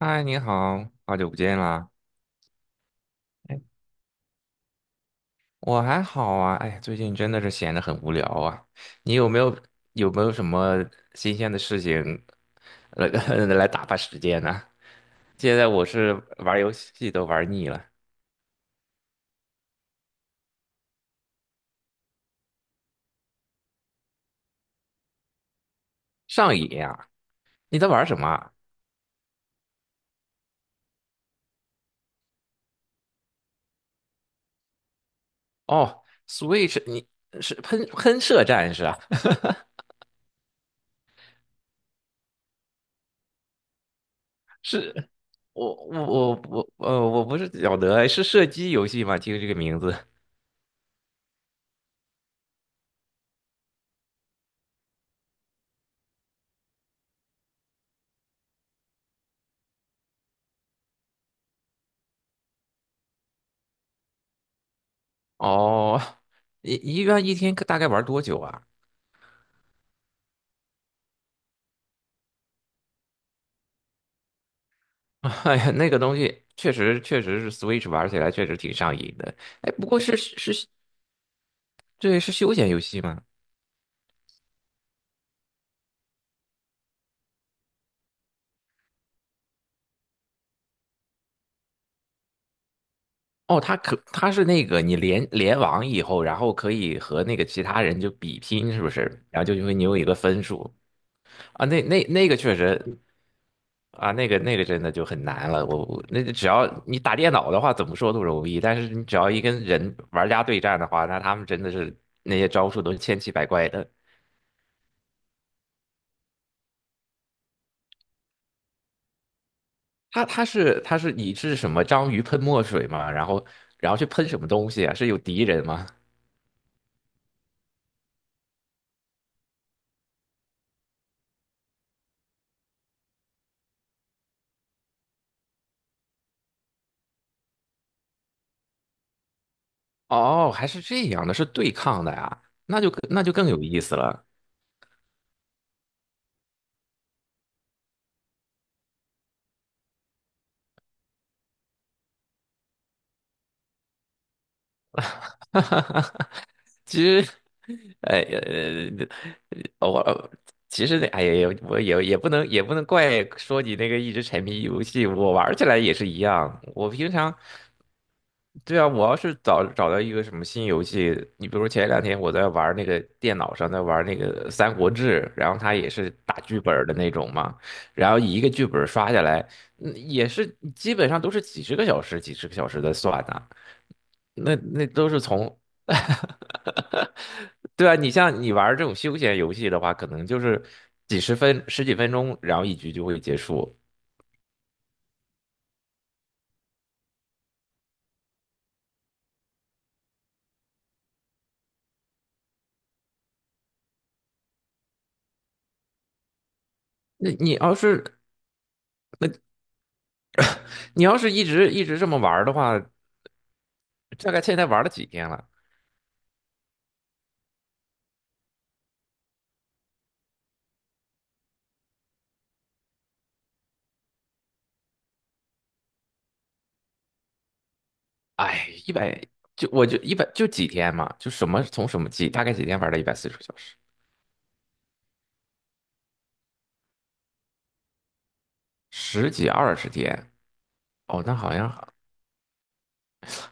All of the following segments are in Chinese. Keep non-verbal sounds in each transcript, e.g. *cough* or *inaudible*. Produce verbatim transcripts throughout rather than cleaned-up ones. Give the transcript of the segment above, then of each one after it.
嗨，你好，好久不见啦！哎，我还好啊，哎，最近真的是闲得很无聊啊。你有没有有没有什么新鲜的事情来 *laughs* 来打发时间呢？现在我是玩游戏都玩腻了，上瘾呀！你在玩什么啊？哦，Switch，你是喷喷射战士啊？*laughs* 是，我我我我呃，我不是晓得，哎，是射击游戏吗？听这个名字。哦，一一般一天大概玩多久啊？*laughs* 哎呀，那个东西确实确实是 Switch 玩起来确实挺上瘾的。哎，不过是是是，对，是休闲游戏吗？哦，它可它是那个你联联网以后，然后可以和那个其他人就比拼，是不是？然后就因为你有一个分数。啊，那那那个确实，啊，那个那个真的就很难了。我我那只要你打电脑的话，怎么说都容易，但是你只要一跟人玩家对战的话，那他们真的是那些招数都是千奇百怪的。它它是它是你是什么章鱼喷墨水吗？然后然后去喷什么东西啊？是有敌人吗？哦，还是这样的，是对抗的呀，那就更那就更有意思了。*laughs* 其实，哎呃，我其实哎呀，我也也不能也不能怪说你那个一直沉迷于游戏，我玩起来也是一样。我平常。对啊，我要是找找到一个什么新游戏，你比如前两天我在玩那个电脑上在玩那个《三国志》，然后它也是打剧本儿的那种嘛，然后一个剧本儿刷下来，嗯也是基本上都是几十个小时、几十个小时的算呐。那那都是从……*laughs* 对啊，你像你玩这种休闲游戏的话，可能就是几十分、十几分钟，然后一局就会结束。那你要是你要是一直一直这么玩儿的话，大概现在玩了几天了？哎，一百就我就一百就几天嘛，就什么从什么几大概几天玩了一百四十个小时，十几二十天。哦，那好像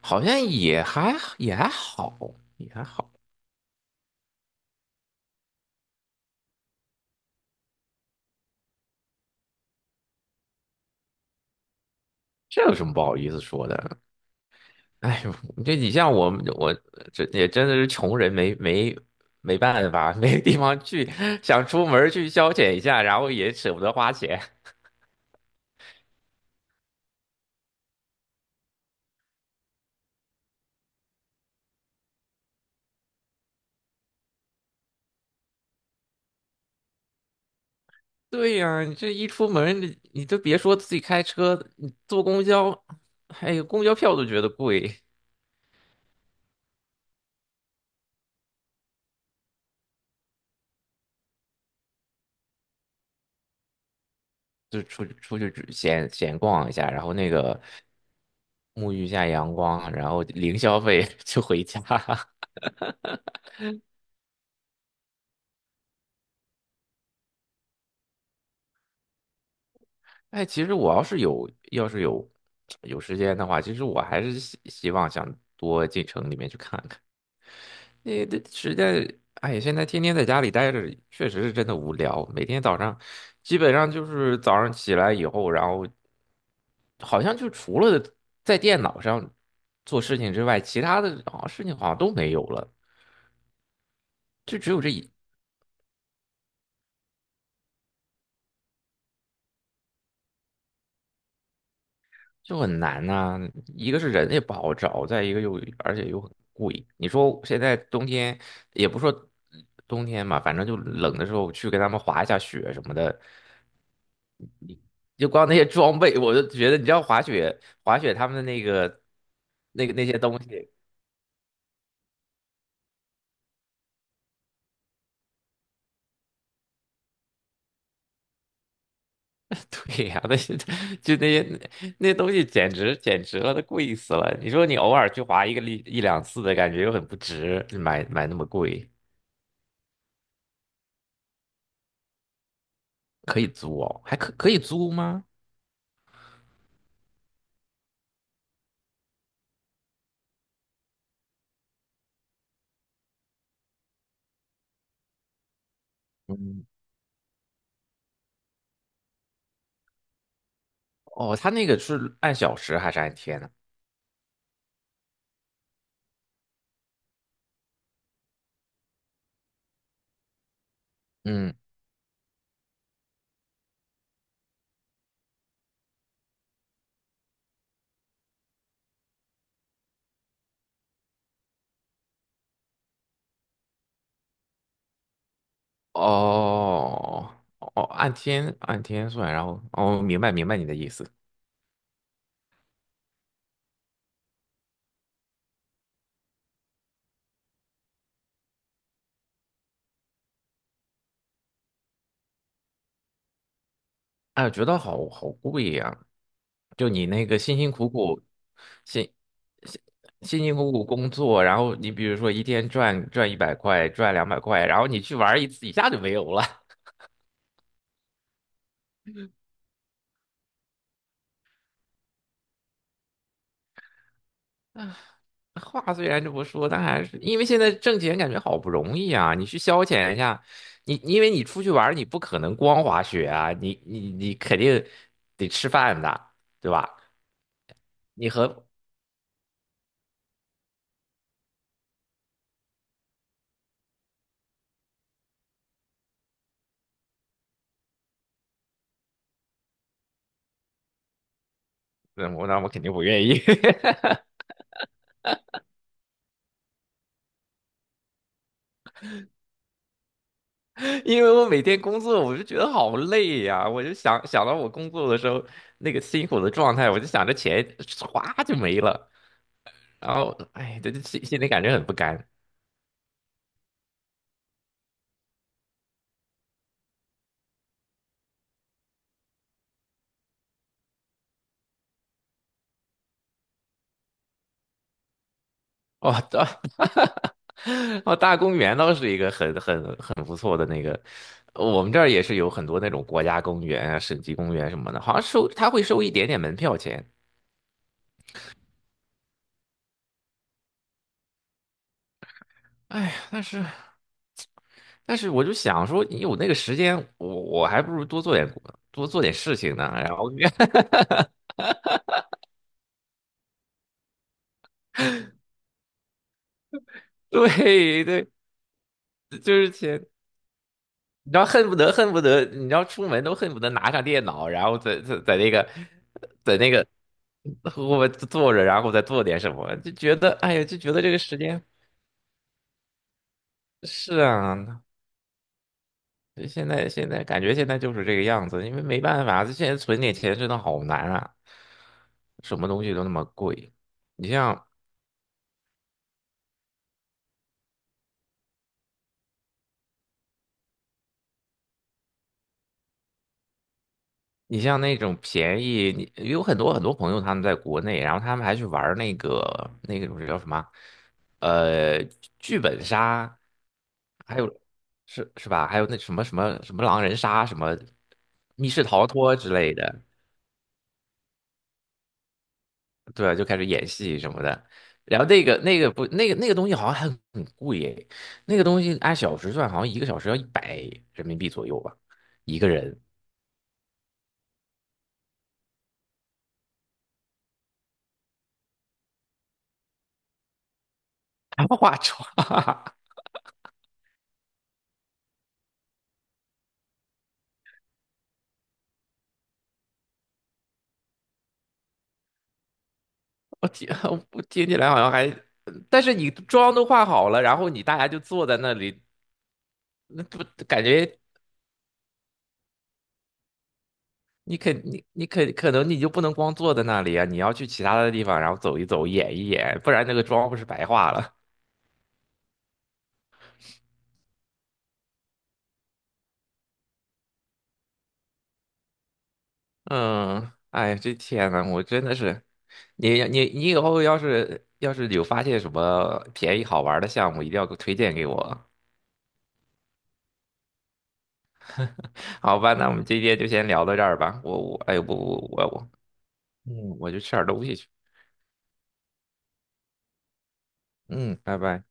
好像也还也还好，也还好，这有什么不好意思说的？哎呦，这你像我们我这也真的是穷人没没没办法，*laughs* 没地方去，想出门儿去消遣一下，然后也舍不得花钱。*laughs* 对呀，你这一出门，你你都别说自己开车，你坐公交，哎呦，公交票都觉得贵。就出去出去只闲闲逛一下，然后那个沐浴一下阳光，然后零消费 *laughs* 就回家。*laughs* 哎，其实我要是有要是有有时间的话，其实我还是希希望想多进城里面去看看。那那实在……哎，现在天天在家里待着，确实是真的无聊。每天早上基本上就是早上起来以后，然后好像就除了在电脑上做事情之外，其他的好像事情好像都没有了。就只有这一……就很难呐，一个是人也不好找，再一个又而且又很贵。你说现在冬天也不说冬天嘛，反正就冷的时候去跟他们滑一下雪什么的，就光那些装备，我就觉得你知道滑雪滑雪他们的那个那个那些东西。*laughs* 对呀，那些就那些那些东西简直简直了，都贵死了。你说你偶尔去滑一个一一两次的感觉又很不值，买买那么贵。可以租哦，还可可以租吗？嗯。哦，他那个是按小时还是按天呢？嗯，哦，哦，按天按天算。然后哦，明白明白你的意思。哎，我觉得好好贵呀，就你那个辛辛苦苦，辛辛辛辛苦苦工作，然后你比如说一天赚赚一百块，赚两百块，然后你去玩一次，一下就没有了。话虽然这么说，但还是因为现在挣钱感觉好不容易啊，你去消遣一下，你因为你出去玩儿你不可能光滑雪啊，你你你肯定得吃饭的，对吧？你和嗯，我那我肯定不愿意。*laughs* 因为我每天工作，我就觉得好累呀。我就想想到我工作的时候那个辛苦的状态，我就想着钱唰就没了，然后哎，这这心心里感觉很不甘。哇，*laughs* 哦，大公园倒是一个很很很不错的那个，我们这儿也是有很多那种国家公园啊、省级公园什么的，好像收他会收一点点门票钱。哎呀，但是但是我就想说，你有那个时间，我我还不如多做点多做点事情呢。然后 *laughs* 对对，就是钱，你知道，恨不得恨不得，你知道出门都恨不得拿上电脑，然后在在在那个在那个 *laughs* 我坐着，然后再做点什么，就觉得哎呀，就觉得这个时间。是啊，现在现在感觉现在就是这个样子，因为没办法，这现在存点钱真的好难啊，什么东西都那么贵。你像你像那种便宜，你有很多很多朋友他们在国内，然后他们还去玩儿那个那个种叫什么，呃，剧本杀，还有是是吧？还有那什么什么什么狼人杀、什么密室逃脱之类的。对，就开始演戏什么的。然后那个那个不那个那个东西好像还很贵耶，那个东西按小时算，好像一个小时要一百人民币左右吧，一个人还要 *laughs* 化妆。*laughs* 我听我听起来好像还……但是你妆都化好了，然后你大家就坐在那里，那不感觉你肯你你肯可能你就不能光坐在那里啊，你要去其他的地方，然后走一走，演一演，不然那个妆不是白化了。嗯，哎，这天呐，我真的是，你你你以后要是要是有发现什么便宜好玩的项目，一定要给我推荐给我。*laughs* 好吧，那我们今天就先聊到这儿吧。我我哎我我我我，嗯，我去吃点东西去。嗯，拜拜。